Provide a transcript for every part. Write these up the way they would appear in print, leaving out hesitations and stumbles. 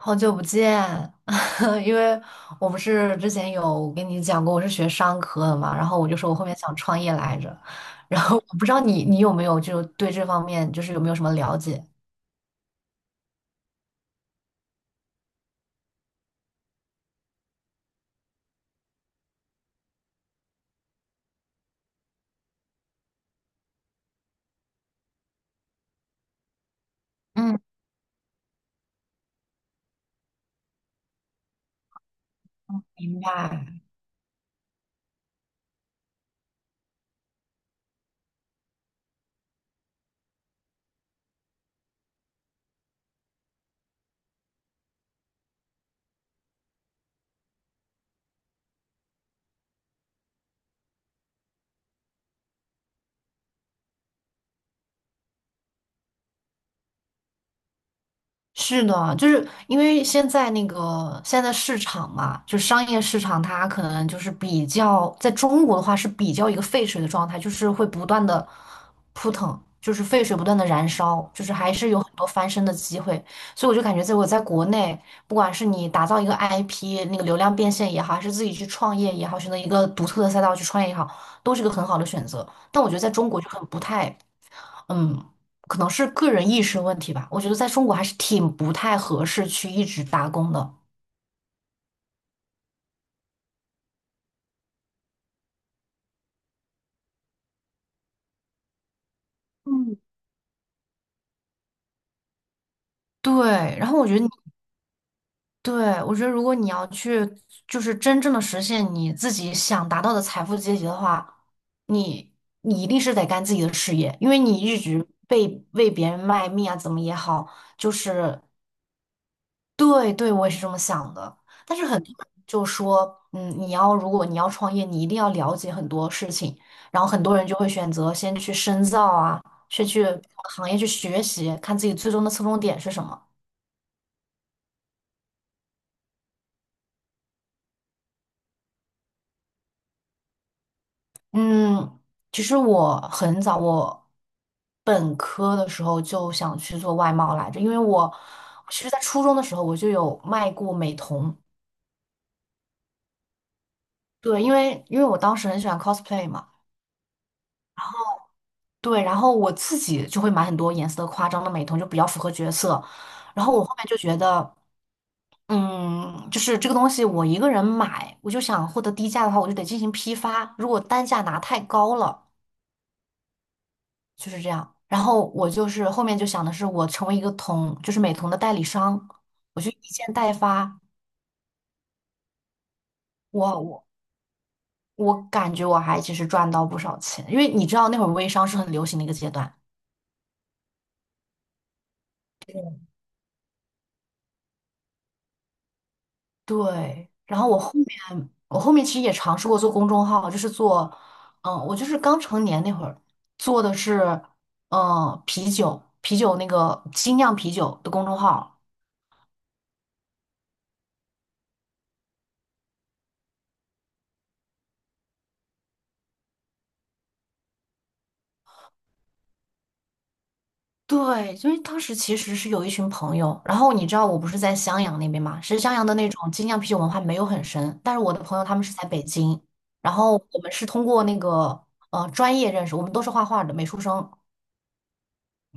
好久不见，因为我不是之前有跟你讲过我是学商科的嘛，然后我就说我后面想创业来着，然后我不知道你有没有就对这方面就是有没有什么了解？嗯，明白。是的，就是因为现在那个现在的市场嘛，就是商业市场，它可能就是比较在中国的话是比较一个沸水的状态，就是会不断的扑腾，就是沸水不断的燃烧，就是还是有很多翻身的机会。所以我就感觉，在国内，不管是你打造一个 IP,那个流量变现也好，还是自己去创业也好，选择一个独特的赛道去创业也好，都是一个很好的选择。但我觉得在中国就很不太，嗯，可能是个人意识问题吧。我觉得在中国还是挺不太合适去一直打工的。嗯。对，然后我觉得对，我觉得如果你要去，就是真正的实现你自己想达到的财富阶级的话，你你一定是得干自己的事业，因为你一直被为别人卖命啊，怎么也好，就是对对，我也是这么想的。但是很多人就说，嗯，你要如果你要创业，你一定要了解很多事情。然后很多人就会选择先去深造啊，先去行业去学习，看自己最终的侧重点是什么。嗯，其实我很早，我本科的时候就想去做外贸来着，因为我其实在初中的时候我就有卖过美瞳。对，因为我当时很喜欢 cosplay 嘛。对，然后我自己就会买很多颜色夸张的美瞳，就比较符合角色。然后我后面就觉得，嗯，就是这个东西我一个人买，我就想获得低价的话，我就得进行批发。如果单价拿太高了，就是这样。然后我就是后面就想的是，我成为一个同，就是美瞳的代理商，我去一件代发。我我我感觉我还其实赚到不少钱，因为你知道那会儿微商是很流行的一个阶段。对，然后我后面其实也尝试过做公众号，就是做，嗯，我就是刚成年那会儿做的是，嗯，啤酒啤酒那个精酿啤酒的公众号。对，因为当时其实是有一群朋友，然后你知道我不是在襄阳那边嘛，其实襄阳的那种精酿啤酒文化没有很深，但是我的朋友他们是在北京，然后我们是通过那个专业认识，我们都是画画的美术生。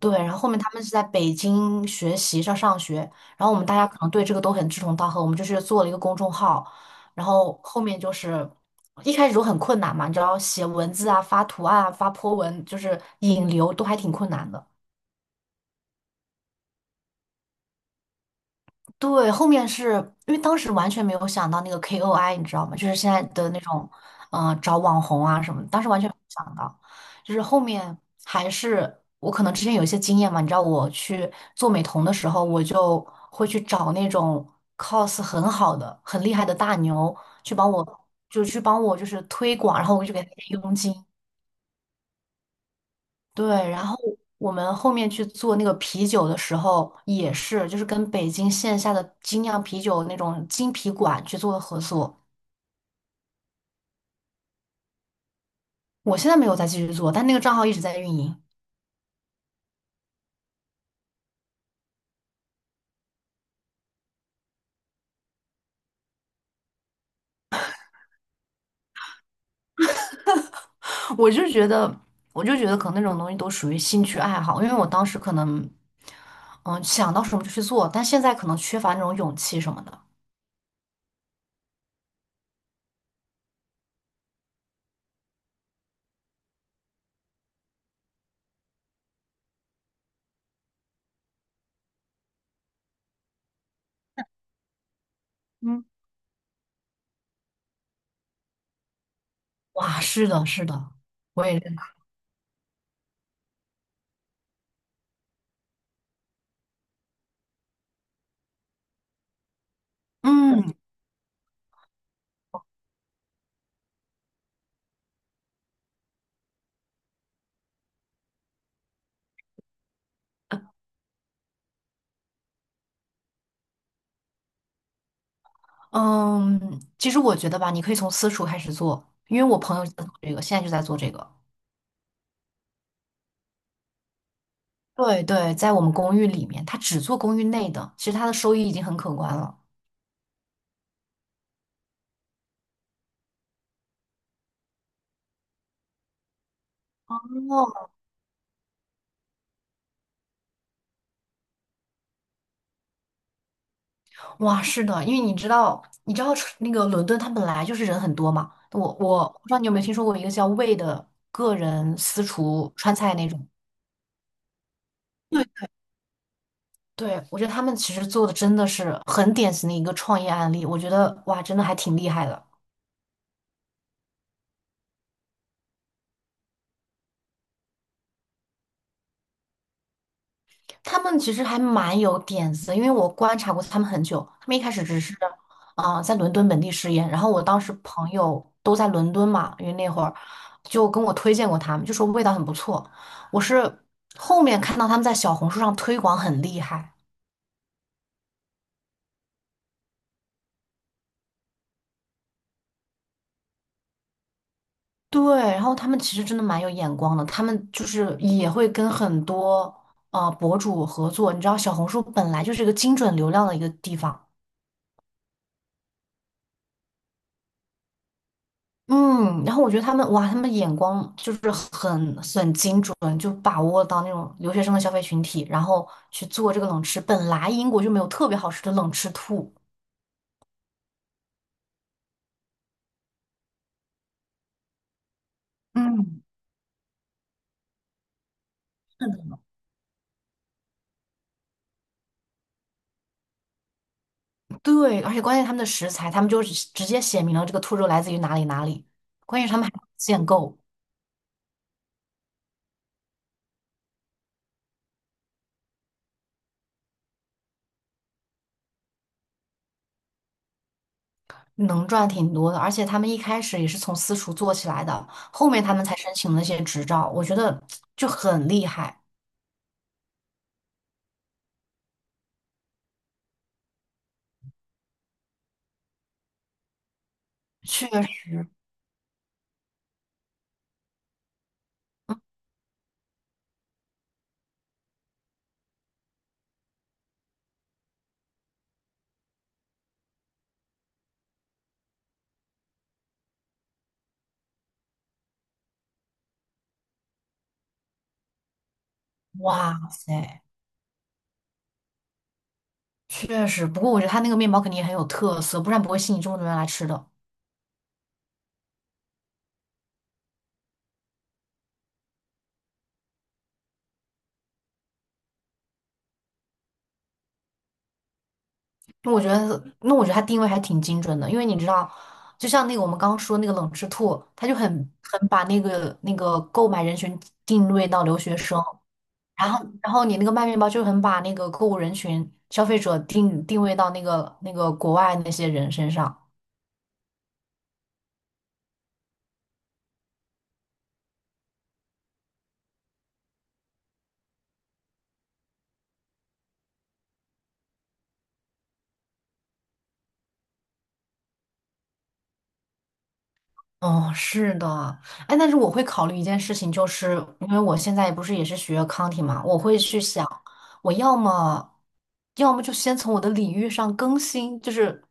对，然后后面他们是在北京学习上上学，然后我们大家可能对这个都很志同道合，我们就是做了一个公众号，然后后面就是一开始都很困难嘛，你知道写文字啊、发图案啊、发 po 文，就是引流都还挺困难的。对，后面是因为当时完全没有想到那个 KOI,你知道吗？就是现在的那种，找网红啊什么的，当时完全没有想到。就是后面还是我可能之前有一些经验嘛，你知道我去做美瞳的时候，我就会去找那种 cos 很好的、很厉害的大牛去帮我，就去帮我就是推广，然后我就给他一佣金。对，然后我们后面去做那个啤酒的时候，也是就是跟北京线下的精酿啤酒那种精啤馆去做的合作。我现在没有再继续做，但那个账号一直在运营。我就觉得，我就觉得可能那种东西都属于兴趣爱好，因为我当时可能，嗯，想到什么就去做，但现在可能缺乏那种勇气什么的。嗯，哇，是的，是的，我也认，嗯嗯，其实我觉得吧，你可以从私厨开始做，因为我朋友就在做这个，现在就在做这个。对对，在我们公寓里面，他只做公寓内的，其实他的收益已经很可观了。哦，哇，是的，因为你知道，你知道那个伦敦，它本来就是人很多嘛。我不知道你有没有听说过一个叫魏的个人私厨川菜那种。对，我觉得他们其实做的真的是很典型的一个创业案例，我觉得哇，真的还挺厉害的。他们其实还蛮有点子的，因为我观察过他们很久。他们一开始只是，啊在伦敦本地试验。然后我当时朋友都在伦敦嘛，因为那会儿就跟我推荐过他们，就说味道很不错。我是后面看到他们在小红书上推广很厉害。对。然后他们其实真的蛮有眼光的，他们就是也会跟很多博主合作。你知道，小红书本来就是一个精准流量的一个地方。嗯，然后我觉得他们哇，他们眼光就是很精准，就把握到那种留学生的消费群体，然后去做这个冷吃。本来英国就没有特别好吃的冷吃兔，嗯，对，而且关键他们的食材，他们就直接写明了这个兔肉来自于哪里哪里。关键是他们还限购，能赚挺多的，而且他们一开始也是从私厨做起来的，后面他们才申请了那些执照，我觉得就很厉害，确实，哇塞。确实，不过我觉得他那个面包肯定也很有特色，不然不会吸引这么多人来吃的。那我觉得他定位还挺精准的，因为你知道，就像那个我们刚刚说那个冷吃兔，他就很把那个购买人群定位到留学生，然后你那个卖面包就很把那个购物人群消费者定位到那个国外那些人身上。哦，是的，哎，但是我会考虑一件事情，就是因为我现在不是也是学 a c o u n t i 嘛，我会去想，我要么就先从我的领域上更新，就是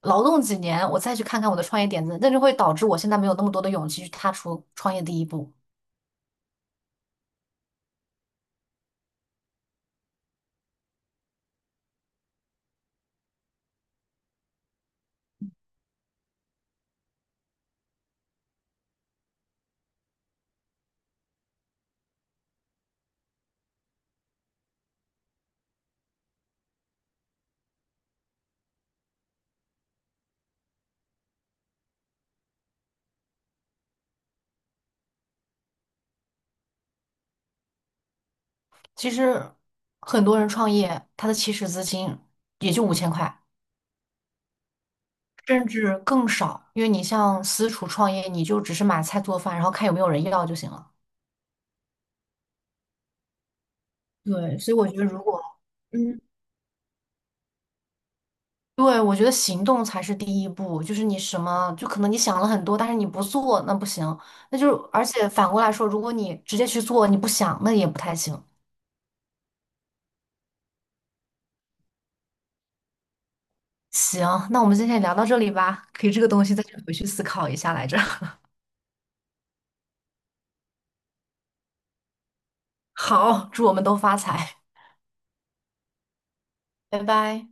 劳动几年，我再去看看我的创业点子，那就会导致我现在没有那么多的勇气去踏出创业第一步。其实很多人创业，他的起始资金也就5000块，甚至更少，因为你像私厨创业，你就只是买菜做饭，然后看有没有人要就行了。对，所以我觉得如果，嗯，对，我觉得行动才是第一步，就是你什么，就可能你想了很多，但是你不做，那不行。那就是，而且反过来说，如果你直接去做，你不想，那也不太行。行，那我们今天也聊到这里吧，可以这个东西再去回去思考一下来着。好，祝我们都发财，拜拜。